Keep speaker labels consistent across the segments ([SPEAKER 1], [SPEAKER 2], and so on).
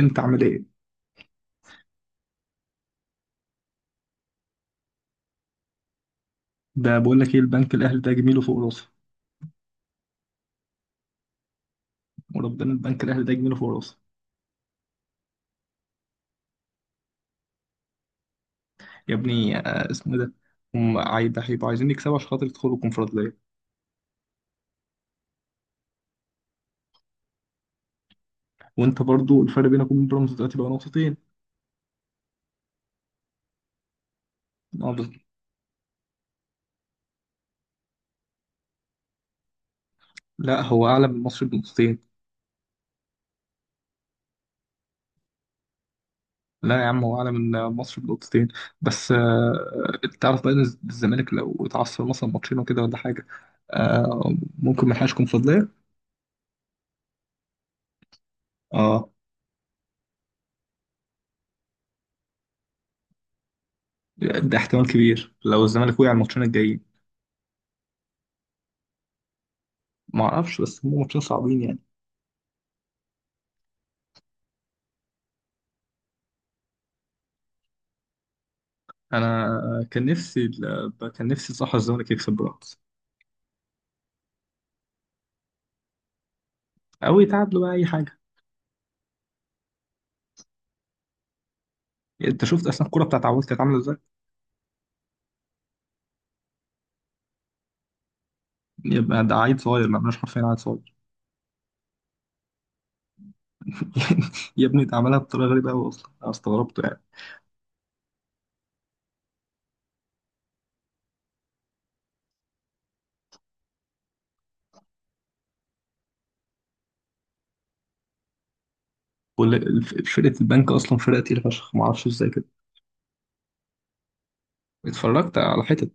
[SPEAKER 1] انت عامل ايه؟ ده بقول لك ايه، البنك الاهلي ده جميله فوق راسه. وربنا البنك الاهلي ده جميله فوق راسه. يا ابني آه، اسمه إيه ده؟ ده هيبقوا عايزين يكسبوا عشان خاطر يدخلوا الكونفدراليه. وانت برضو الفرق بينك وبين بيراميدز دلوقتي بقى نقطتين. آه، بس- لا هو اعلى من مصر بنقطتين. لا يا عم، هو اعلى من مصر بنقطتين. بس انت تعرف بقى ان الزمالك لو اتعثر مثلا ماتشين وكده ولا حاجه. آه، ممكن ما يلحقش كونفدراليه. اه، ده احتمال كبير لو الزمالك وقع الماتشين الجايين. ما اعرفش، بس هم ماتشين صعبين يعني. انا كان نفسي كان نفسي صح الزمالك يكسب بيراميدز، او يتعادلوا بقى اي حاجه. انت شفت اصلا الكوره بتاعت عواد كانت عامله ازاي؟ يبقى ده عيل صغير، ما عملناش حرفيا عيل صغير. يا ابني، ده عملها بطريقه غريبه قوي، اصلا انا استغربت يعني. كل فرقه البنك اصلا فرقه تقيله فشخ، ما اعرفش ازاي كده. اتفرجت على حتت.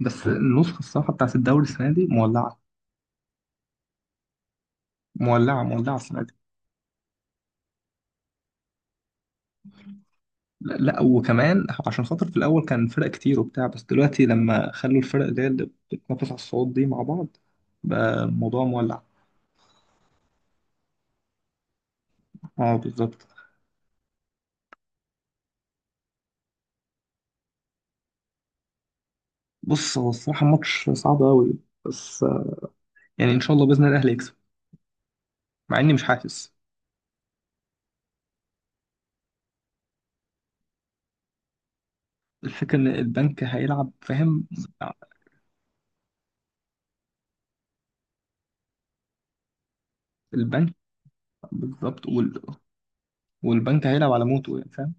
[SPEAKER 1] بس النسخه الصراحه بتاعت الدوري السنه دي مولعه، مولعه مولعه السنه دي. لا لا، وكمان عشان خاطر في الاول كان فرق كتير وبتاع، بس دلوقتي لما خلوا الفرق اللي هي اللي بتتنافس على الصعود دي مع بعض، بقى الموضوع مولع. اه بالظبط. بص، هو الصراحه ماتش صعب قوي، بس آه، يعني ان شاء الله باذن الله الاهلي يكسب، مع اني مش حاسس. الفكره ان البنك هيلعب فاهم. البنك، بالظبط. والبنك هيلعب على موته يعني فاهم.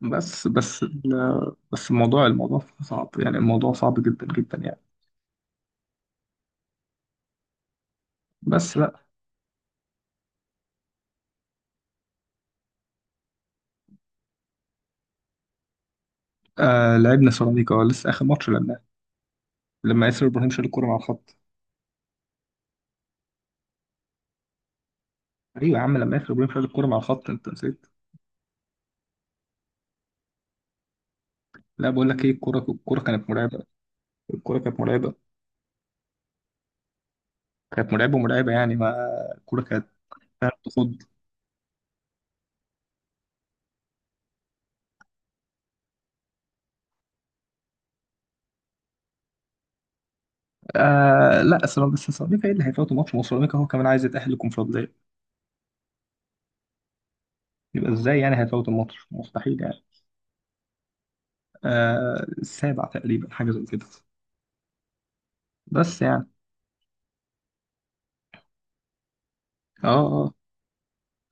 [SPEAKER 1] بس الموضوع، الموضوع صعب يعني، الموضوع صعب جدا جدا يعني. بس لا. آه لعبنا سيراميكا، لسه اخر ماتش لعبنا، لما ياسر ابراهيم شال الكرة مع الخط. ايوه يا عم، لما ياسر ابراهيم شال الكرة مع الخط انت نسيت. لا بقول لك ايه، الكرة كانت مرعبة. الكرة كانت مرعبة، كانت مرعبة مرعبة يعني. ما الكرة كانت فعلا تخض. آه لا سلام، بس سيراميكا ايه اللي هيفوتوا ماتش؟ ما هو سيراميكا هو كمان عايز يتأهل للكونفدرالية، يبقى ازاي يعني هيفوت الماتش؟ مستحيل يعني. آه السابع تقريبا، حاجة زي كده، بس يعني. اه،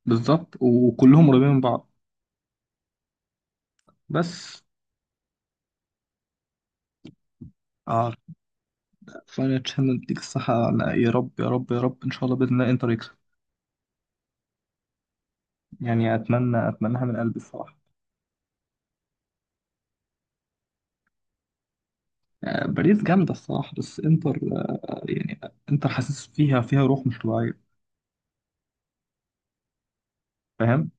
[SPEAKER 1] بالظبط، وكلهم قريبين من بعض. بس اه. فاينل تشامبيونز ليج، الصحة أنا يا رب يا رب يا رب ان شاء الله باذن الله انتر يكسب، يعني اتمنى اتمناها من قلبي الصراحه. آه، باريس جامده الصراحه، بس انتر آه، يعني انتر حاسس فيها، فيها روح مش طبيعيه، فاهم.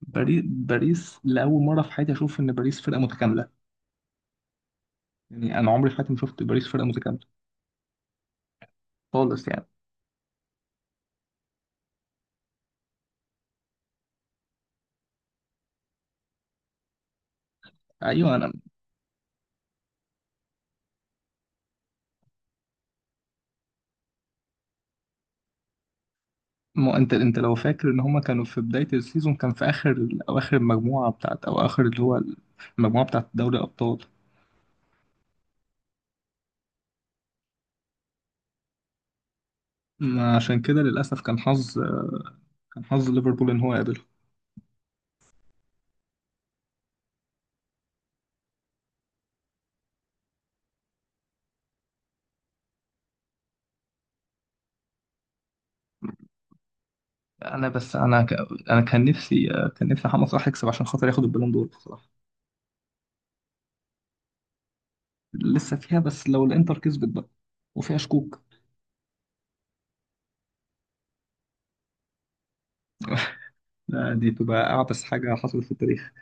[SPEAKER 1] باريس، باريس لاول مره في حياتي اشوف ان باريس فرقه متكامله، يعني انا عمري في حياتي ما شفت باريس فرقه متكامله خالص يعني. ايوه انا. ما انت لو فاكر ان هما كانوا في بدايه السيزون كان في اخر او اخر المجموعه بتاعت، او اخر اللي هو المجموعه بتاعت دوري الابطال. ما عشان كده للاسف كان حظ، كان حظ ليفربول ان هو يقابل. انا بس انا ك... انا كان نفسي، كان نفسي محمد صلاح يكسب عشان خاطر ياخد البالون دور بصراحه. لسه فيها، بس لو الانتر كسبت بقى، وفيها شكوك. لا، دي تبقى اعبث حاجه حصلت في التاريخ.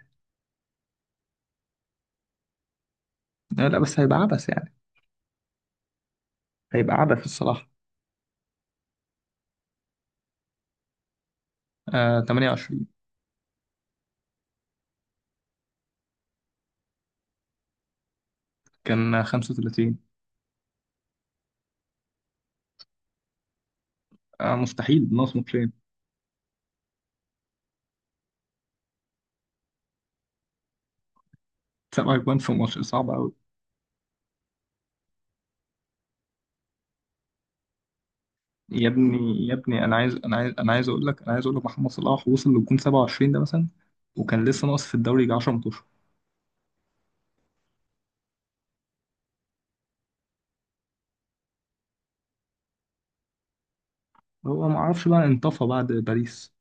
[SPEAKER 1] لا لا، بس هيبقى عبث يعني، هيبقى عبث الصراحه. آه 28. كان 35. آه مستحيل ناقص ماتشين. سبع اجوان في ماتش صعب قوي. يا ابني، يا ابني، انا عايز اقول لك انا عايز اقول لك محمد صلاح وصل للجون 27 ده مثلا، وكان لسه ناقص في الدوري يجي 10 ماتشات. هو ما اعرفش بقى، انطفى بعد باريس.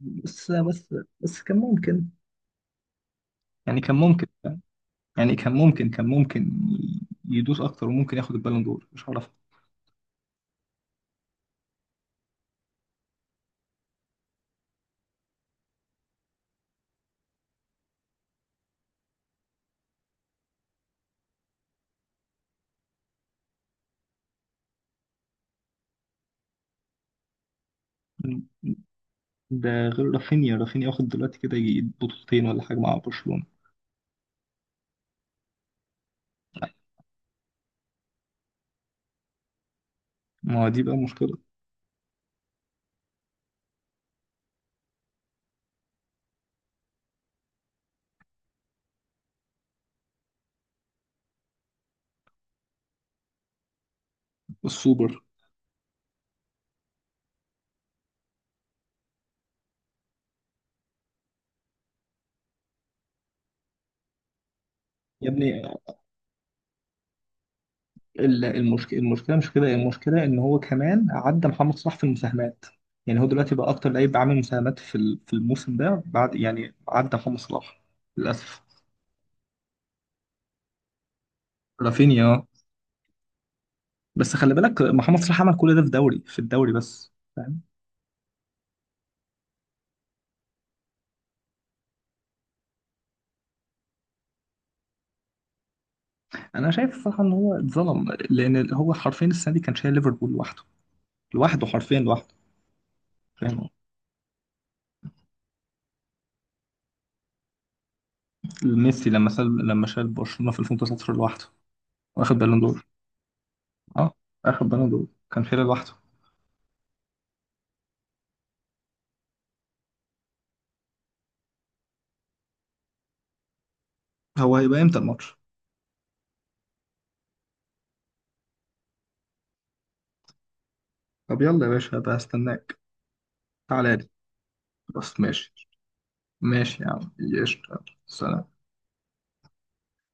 [SPEAKER 1] بس بس بس كان ممكن، يعني كان ممكن، يعني كان ممكن، كان ممكن يدوس اكتر وممكن ياخد البالون دور، مش هعرف. ده غير رافينيا، رافينيا واخد دلوقتي كده يجي بطولتين ولا حاجه مع برشلونه. ما هو دي بقى مشكله. السوبر. يا ابني، المشكله، المشكله مش كده، المشكله ان هو كمان عدى محمد صلاح في المساهمات، يعني هو دلوقتي بقى اكتر لعيب عامل مساهمات في في الموسم ده، بعد يعني عدى محمد صلاح للاسف. رافينيا. بس خلي بالك محمد صلاح عمل كل ده في دوري، في الدوري بس فاهم. انا شايف الصراحه ان هو اتظلم، لان هو حرفيا السنه دي كان شايل ليفربول لوحده، لوحده حرفيا لوحده، فاهم. ميسي لما شال برشلونه في 2019 لوحده واخد بالون دور. اه اخد بالون دور، كان شايل لوحده. هو هيبقى امتى الماتش؟ طب يلا يا باشا، هبقى استناك. تعالى لي بس، ماشي. ماشي يا عم. قشطة يلا. سلام.